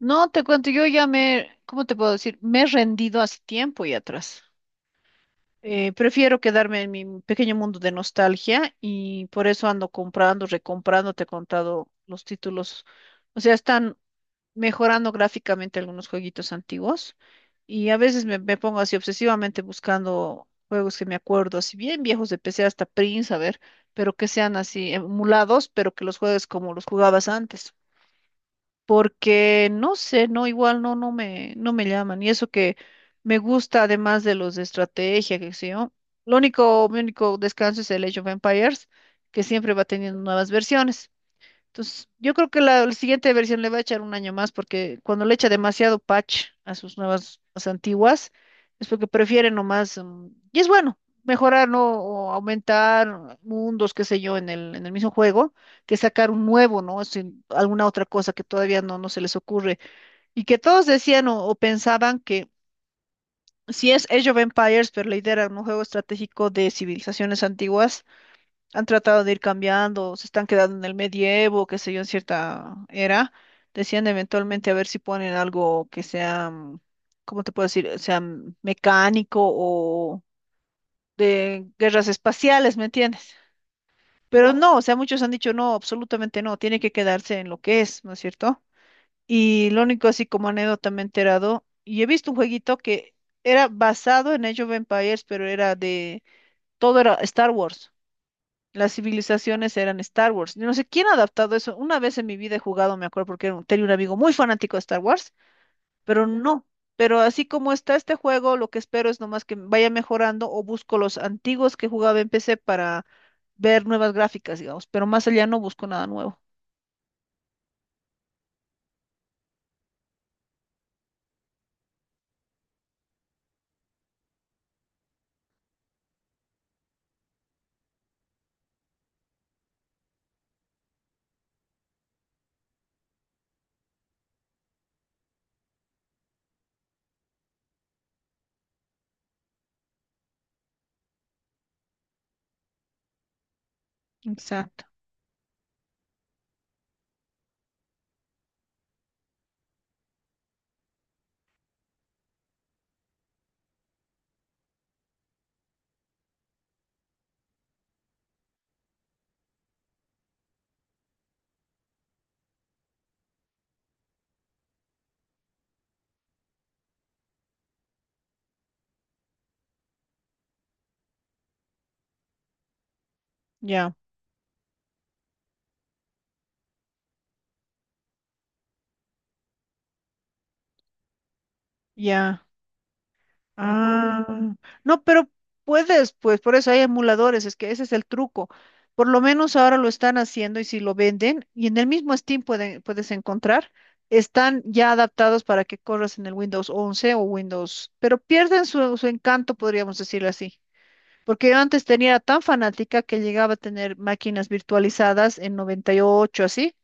No, te cuento, yo ya me, ¿cómo te puedo decir? Me he rendido hace tiempo y atrás. Prefiero quedarme en mi pequeño mundo de nostalgia y por eso ando comprando, recomprando, te he contado los títulos. O sea, están mejorando gráficamente algunos jueguitos antiguos y a veces me pongo así obsesivamente buscando juegos que me acuerdo, así bien viejos de PC hasta Prince, a ver, pero que sean así emulados, pero que los juegues como los jugabas antes porque no sé, no, igual no, no me llaman. Y eso que me gusta, además de los de estrategia, que sé yo. Lo único, mi único descanso es el Age of Empires, que siempre va teniendo nuevas versiones. Entonces, yo creo que la siguiente versión le va a echar un año más porque cuando le echa demasiado patch a sus nuevas, a las antiguas, es porque prefiere nomás, y es bueno, mejorar, ¿no? O aumentar mundos, qué sé yo, en el mismo juego, que sacar un nuevo, ¿no? Sin alguna otra cosa que todavía no se les ocurre. Y que todos decían o pensaban que si es Age of Empires, pero la idea era un juego estratégico de civilizaciones antiguas, han tratado de ir cambiando, se están quedando en el medievo, qué sé yo, en cierta era. Decían eventualmente a ver si ponen algo que sea, ¿cómo te puedo decir? O sea, mecánico o de guerras espaciales, ¿me entiendes? Pero no, o sea, muchos han dicho no, absolutamente no, tiene que quedarse en lo que es, ¿no es cierto? Y lo único así como anécdota me he enterado, y he visto un jueguito que era basado en Age of Empires, pero era de, todo era Star Wars. Las civilizaciones eran Star Wars. Yo no sé quién ha adaptado eso. Una vez en mi vida he jugado, me acuerdo, porque tenía un amigo muy fanático de Star Wars, pero no. Pero así como está este juego, lo que espero es nomás que vaya mejorando o busco los antiguos que jugaba en PC para ver nuevas gráficas, digamos. Pero más allá no busco nada nuevo. Exacto. Ya, ya. Ah, no, pero puedes, pues por eso hay emuladores, es que ese es el truco. Por lo menos ahora lo están haciendo y si lo venden, y en el mismo Steam puedes encontrar, están ya adaptados para que corras en el Windows 11 o Windows, pero pierden su encanto, podríamos decirlo así. Porque yo antes tenía tan fanática que llegaba a tener máquinas virtualizadas en 98 así.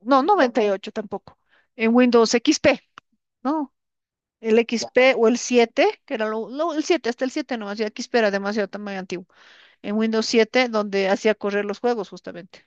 No, 98 tampoco, en Windows XP, ¿no? El XP o el siete, que era lo, no, el siete hasta el siete nomás, ya XP era demasiado tamaño antiguo. En Windows siete donde hacía correr los juegos, justamente.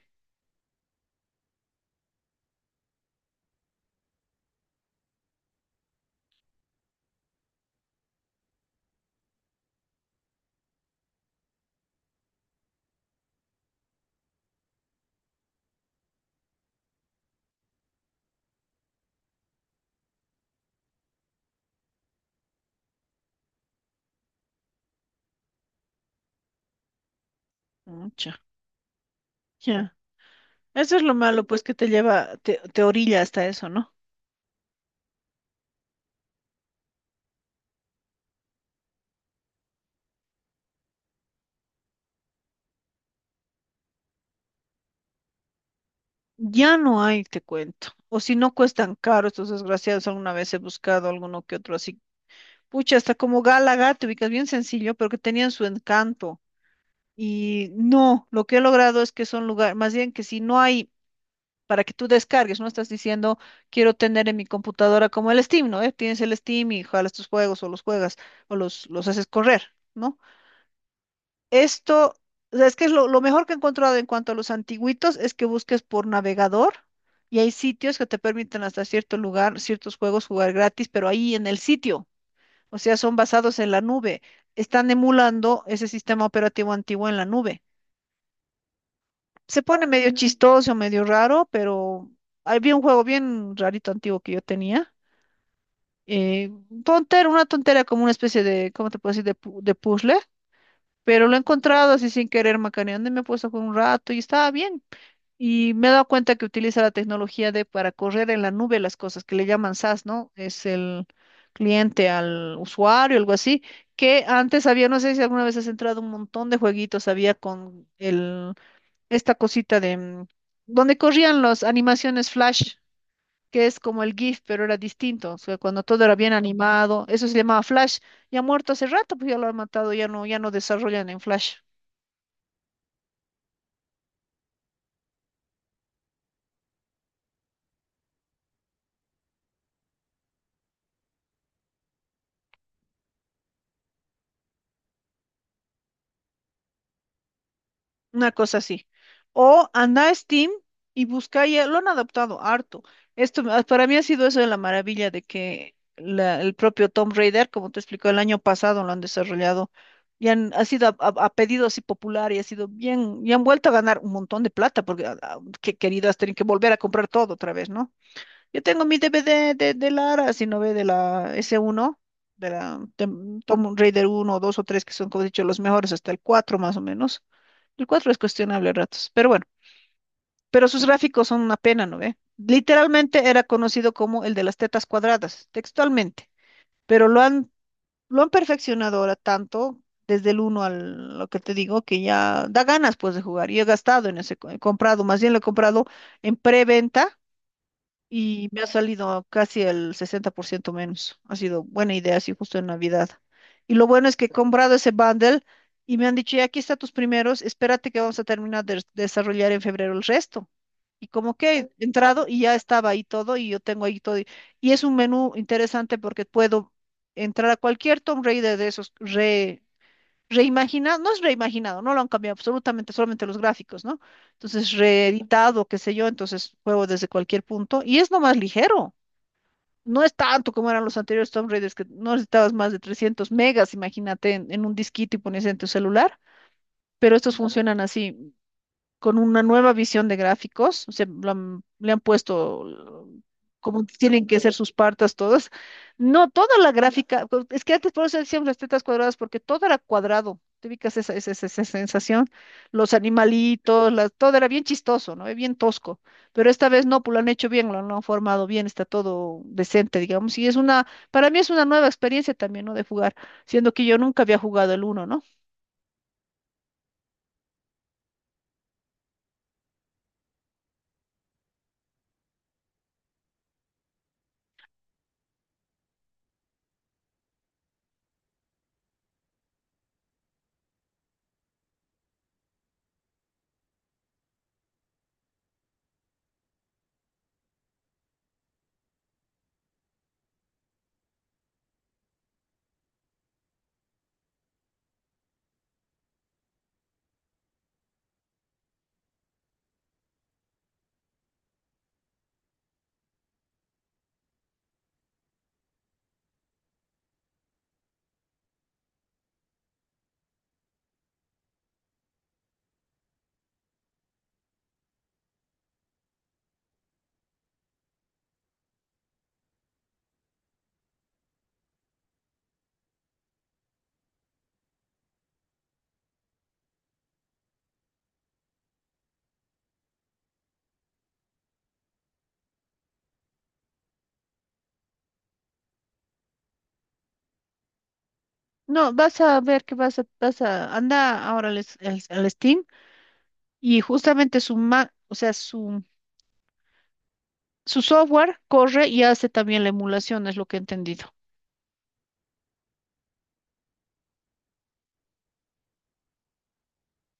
Mucha, ya. Eso es lo malo, pues, que te lleva, te orilla hasta eso, ¿no? Ya no hay, te cuento. O si no cuestan caro estos desgraciados, alguna vez he buscado alguno que otro así. Pucha, hasta como Galaga, te ubicas bien sencillo, pero que tenían su encanto. Y no, lo que he logrado es que son lugares, más bien que si no hay para que tú descargues, no estás diciendo, quiero tener en mi computadora como el Steam, ¿no? Tienes el Steam y jalas tus juegos o los juegas o los haces correr, ¿no? Esto, o sea, es que es lo mejor que he encontrado en cuanto a los antiguitos es que busques por navegador y hay sitios que te permiten hasta cierto lugar, ciertos juegos jugar gratis, pero ahí en el sitio, o sea, son basados en la nube, están emulando ese sistema operativo antiguo en la nube. Se pone medio chistoso, medio raro, pero había un juego bien rarito antiguo que yo tenía. Eh, Tontera, una tontera como una especie de, ¿cómo te puedo decir? De puzzle, pero lo he encontrado así sin querer macaneando y me he puesto con un rato y estaba bien. Y me he dado cuenta que utiliza la tecnología de para correr en la nube las cosas que le llaman SaaS, ¿no? Es el cliente al usuario, algo así, que antes había, no sé si alguna vez has entrado un montón de jueguitos, había con el esta cosita de donde corrían las animaciones flash, que es como el GIF, pero era distinto. O sea, cuando todo era bien animado, eso se llamaba flash. Ya muerto hace rato, pues ya lo han matado, ya no, ya no desarrollan en flash. Una cosa así. O anda a Steam y busca, ya lo han adaptado harto. Para mí ha sido eso de la maravilla de que el propio Tomb Raider, como te explicó el año pasado, lo han desarrollado y han, ha sido a pedido así popular y ha sido bien, y han vuelto a ganar un montón de plata porque que queridas tienen que volver a comprar todo otra vez, ¿no? Yo tengo mi DVD de Lara, si no ve de la S1, de la de Tomb Raider uno 2 o 3 que son, como he dicho, los mejores, hasta el 4 más o menos. El 4 es cuestionable a ratos, pero bueno, pero sus gráficos son una pena, ¿no ve? Literalmente era conocido como el de las tetas cuadradas, textualmente, pero lo han, perfeccionado ahora tanto, desde el uno al lo que te digo, que ya da ganas pues de jugar. Y he gastado en ese, he comprado, más bien lo he comprado en preventa y me ha salido casi el 60% menos. Ha sido buena idea, sí, justo en Navidad. Y lo bueno es que he comprado ese bundle y me han dicho, ya aquí están tus primeros, espérate que vamos a terminar de desarrollar en febrero el resto. Y como que he entrado y ya estaba ahí todo y yo tengo ahí todo. Y es un menú interesante porque puedo entrar a cualquier Tomb Raider de esos re reimaginado, no es reimaginado, no lo han cambiado absolutamente, solamente los gráficos, ¿no? Entonces, reeditado, qué sé yo, entonces juego desde cualquier punto y es nomás ligero. No es tanto como eran los anteriores Tomb Raiders, que no necesitabas más de 300 megas, imagínate, en un disquito y ponías en tu celular, pero estos funcionan así con una nueva visión de gráficos, o sea, le han puesto eh, como tienen que ser sus partas todas. No, toda la gráfica, es que antes por eso decíamos las tetas cuadradas, porque todo era cuadrado. ¿Te ubicas esa sensación? Los animalitos, todo era bien chistoso, ¿no? Bien tosco. Pero esta vez no, pues lo han hecho bien, lo han formado bien, está todo decente, digamos. Y es una, para mí es una nueva experiencia también, ¿no? De jugar, siendo que yo nunca había jugado el uno, ¿no? No, vas a ver que anda ahora al Steam y justamente o sea, su software corre y hace también la emulación, es lo que he entendido.